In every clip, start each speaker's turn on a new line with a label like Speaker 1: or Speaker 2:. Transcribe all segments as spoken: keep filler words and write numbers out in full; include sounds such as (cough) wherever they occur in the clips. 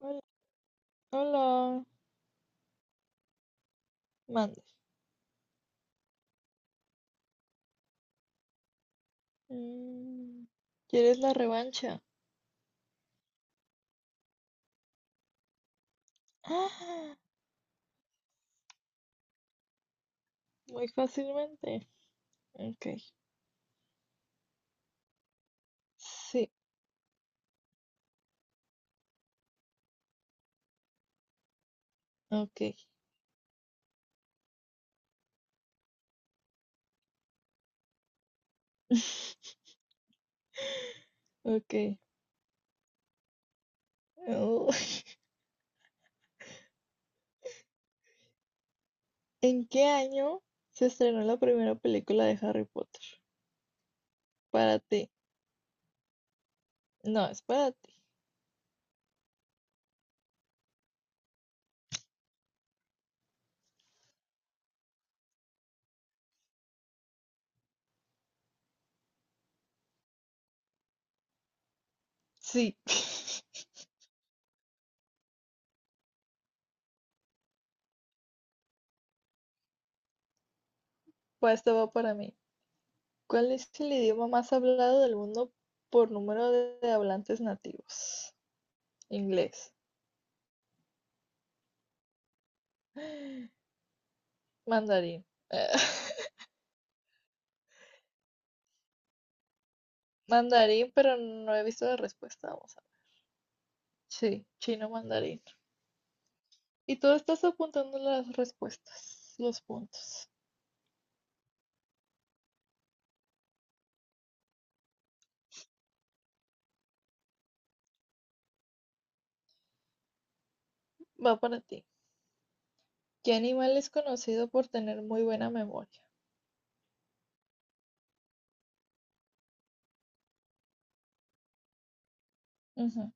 Speaker 1: Hola, hola, mande. Mm, ¿quieres la revancha? (gasps) ¡Ah! Muy fácilmente. Ok. Sí, ok. (laughs) Ok. Oh, (laughs) ¿En qué año se estrenó la primera película de Harry Potter? Para ti. No, es para ti. Sí. (laughs) Pues esto va para mí. ¿Cuál es el idioma más hablado del mundo por número de de hablantes nativos? Inglés. (gasps) Mandarín. (laughs) Mandarín, pero no he visto la respuesta. Vamos a ver. Sí, chino mandarín. Y tú estás apuntando las respuestas, los puntos. Va para ti. ¿Qué animal es conocido por tener muy buena memoria? Ujú.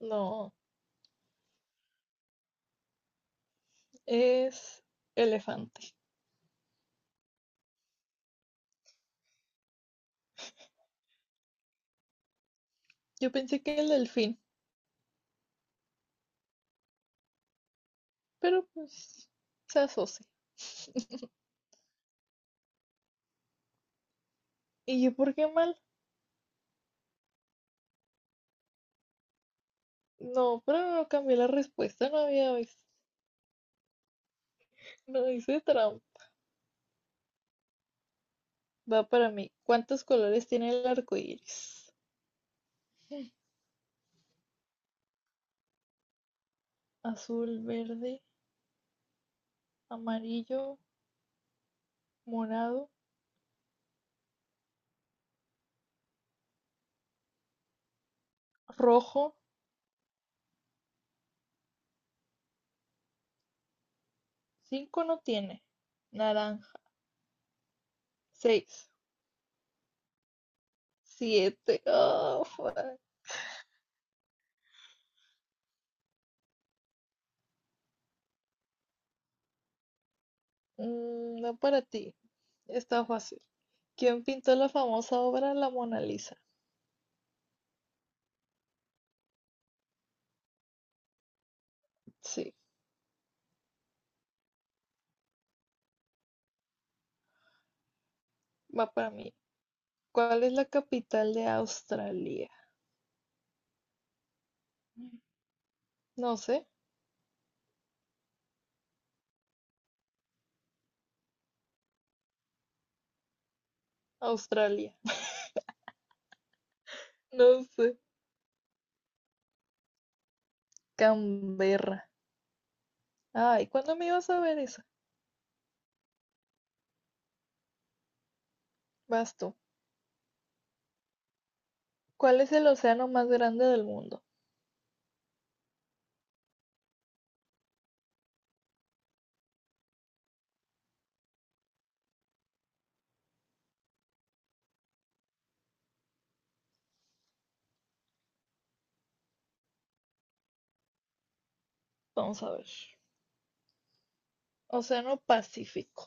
Speaker 1: No, es elefante. Yo pensé que el delfín, pero pues se asocia. (laughs) ¿Y yo por qué mal? No, pero no cambié la respuesta, no había visto. No hice trampa. Va para mí. ¿Cuántos colores tiene el arco iris? Azul, verde, amarillo, morado, rojo. Cinco no tiene. Naranja. Seis. Siete. Oh, fuck. Mm, no para ti. Está fácil. ¿Quién pintó la famosa obra La Mona Lisa? Sí, va para mí. ¿Cuál es la capital de Australia? No sé. Australia. No sé. Canberra. Ay, ¿cuándo me ibas a ver esa? Vas tú. ¿Cuál es el océano más grande del mundo? Vamos a ver. Océano Pacífico.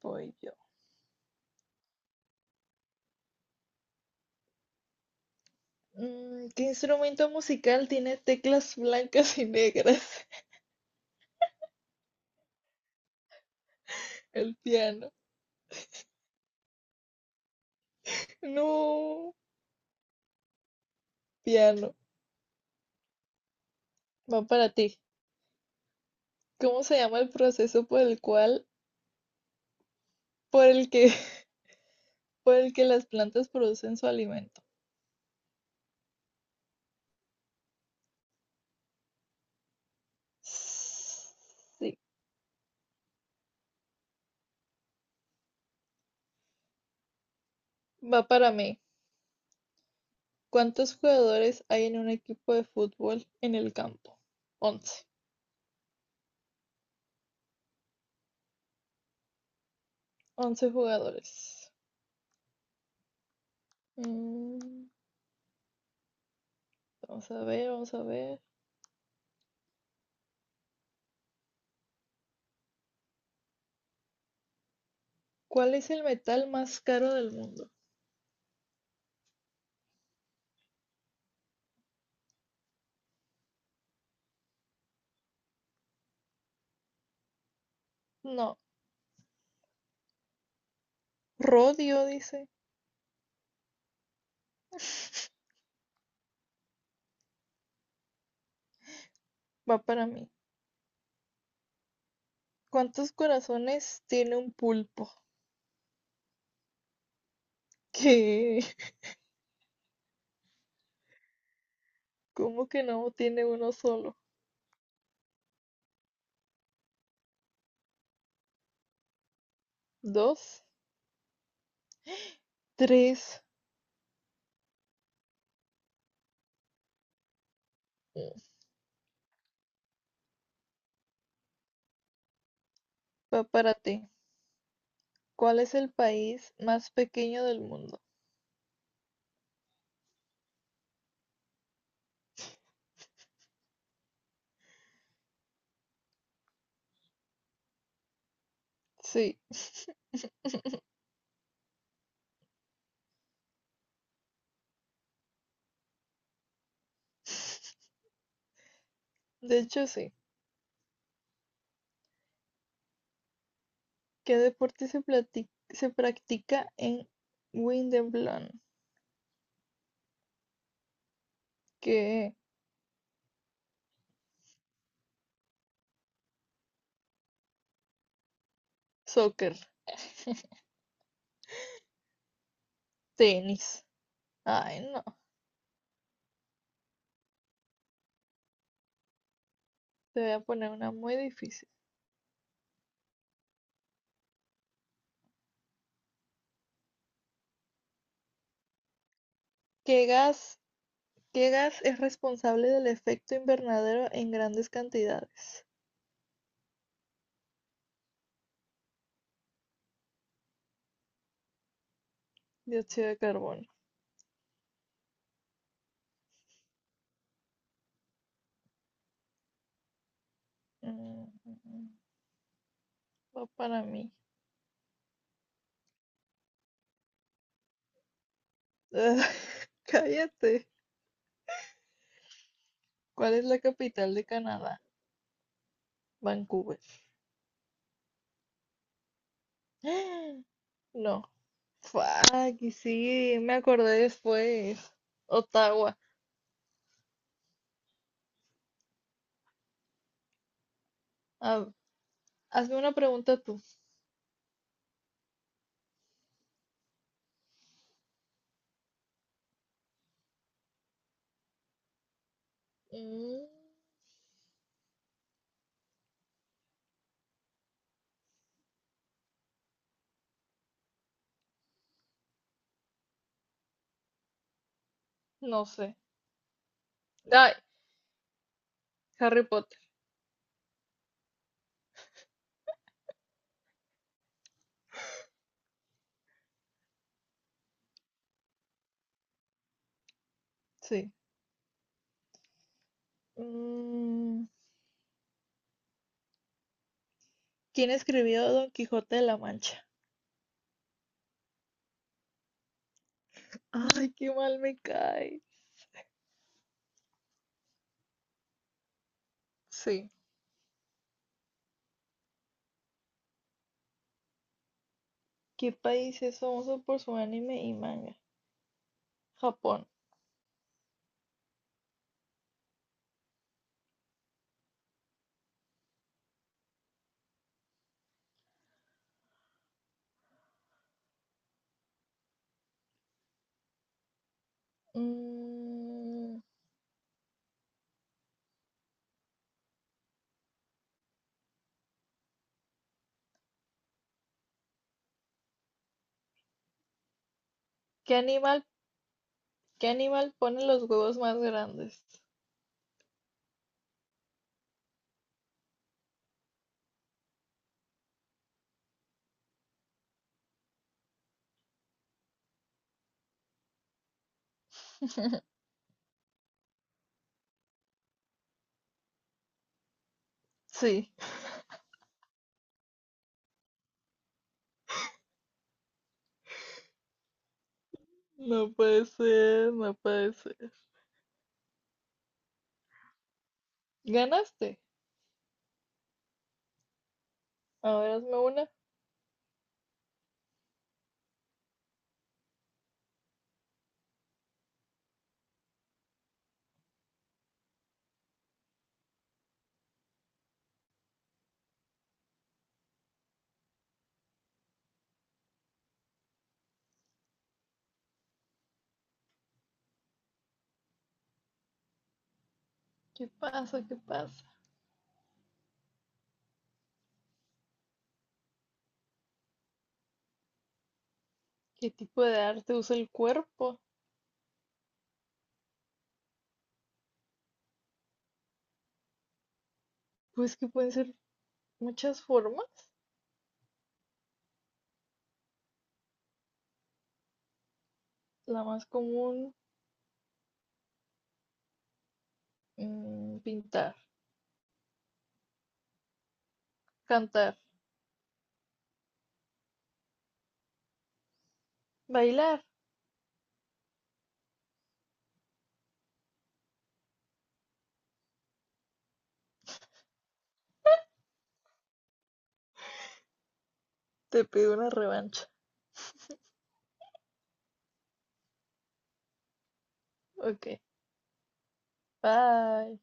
Speaker 1: Voy yo. Mm, ¿Qué instrumento musical tiene teclas blancas y negras? (laughs) El piano. No, piano. Va para ti. ¿Cómo se llama el proceso por el cual, por el que, (laughs) por el que las plantas producen su alimento? Sí, va para mí. ¿Cuántos jugadores hay en un equipo de fútbol en el campo? Once. Once jugadores. Mm, vamos a ver, vamos a ver. ¿Cuál es el metal más caro del mundo? No, rodio, dice. Va para mí. ¿Cuántos corazones tiene un pulpo? (laughs) ¿Qué? ¿Cómo que no tiene uno solo? ¿Dos? ¿Tres? Mm. Va para ti. ¿Cuál es el país más pequeño del mundo? Sí. (laughs) De hecho, sí. ¿Qué deporte se, plati- ¿Se practica en Wimbledon? ¿Qué? Soccer. (laughs) Tenis. Ay, no. Te voy a poner una muy difícil. ¿Qué gas, qué gas es responsable del efecto invernadero en grandes cantidades? Dióxido de carbono. Mm, mm, mm, Va para mí. (laughs) Cállate. ¿Cuál es la capital de Canadá? Vancouver. (gasps) No. Fuck, y sí, me acordé después. Ottawa. Ah, hazme una pregunta tú. Mm, no sé. Ay, Harry Potter. Sí. Mm, ¿Quién escribió Don Quijote de la Mancha? Ay, qué mal me cae. Sí. ¿Qué país es famoso por su anime y manga? Japón. Mm, ¿qué animal, ¿Qué animal pone los huevos más grandes? Sí. No puede ser, no puede ser. ¿Ganaste? A ver, hazme una. ¿Qué pasa? ¿Qué pasa? ¿Qué tipo de arte usa el cuerpo? Pues que pueden ser muchas formas. La más común, mm, pintar, cantar, bailar. Te pido una revancha. Ok. Bye.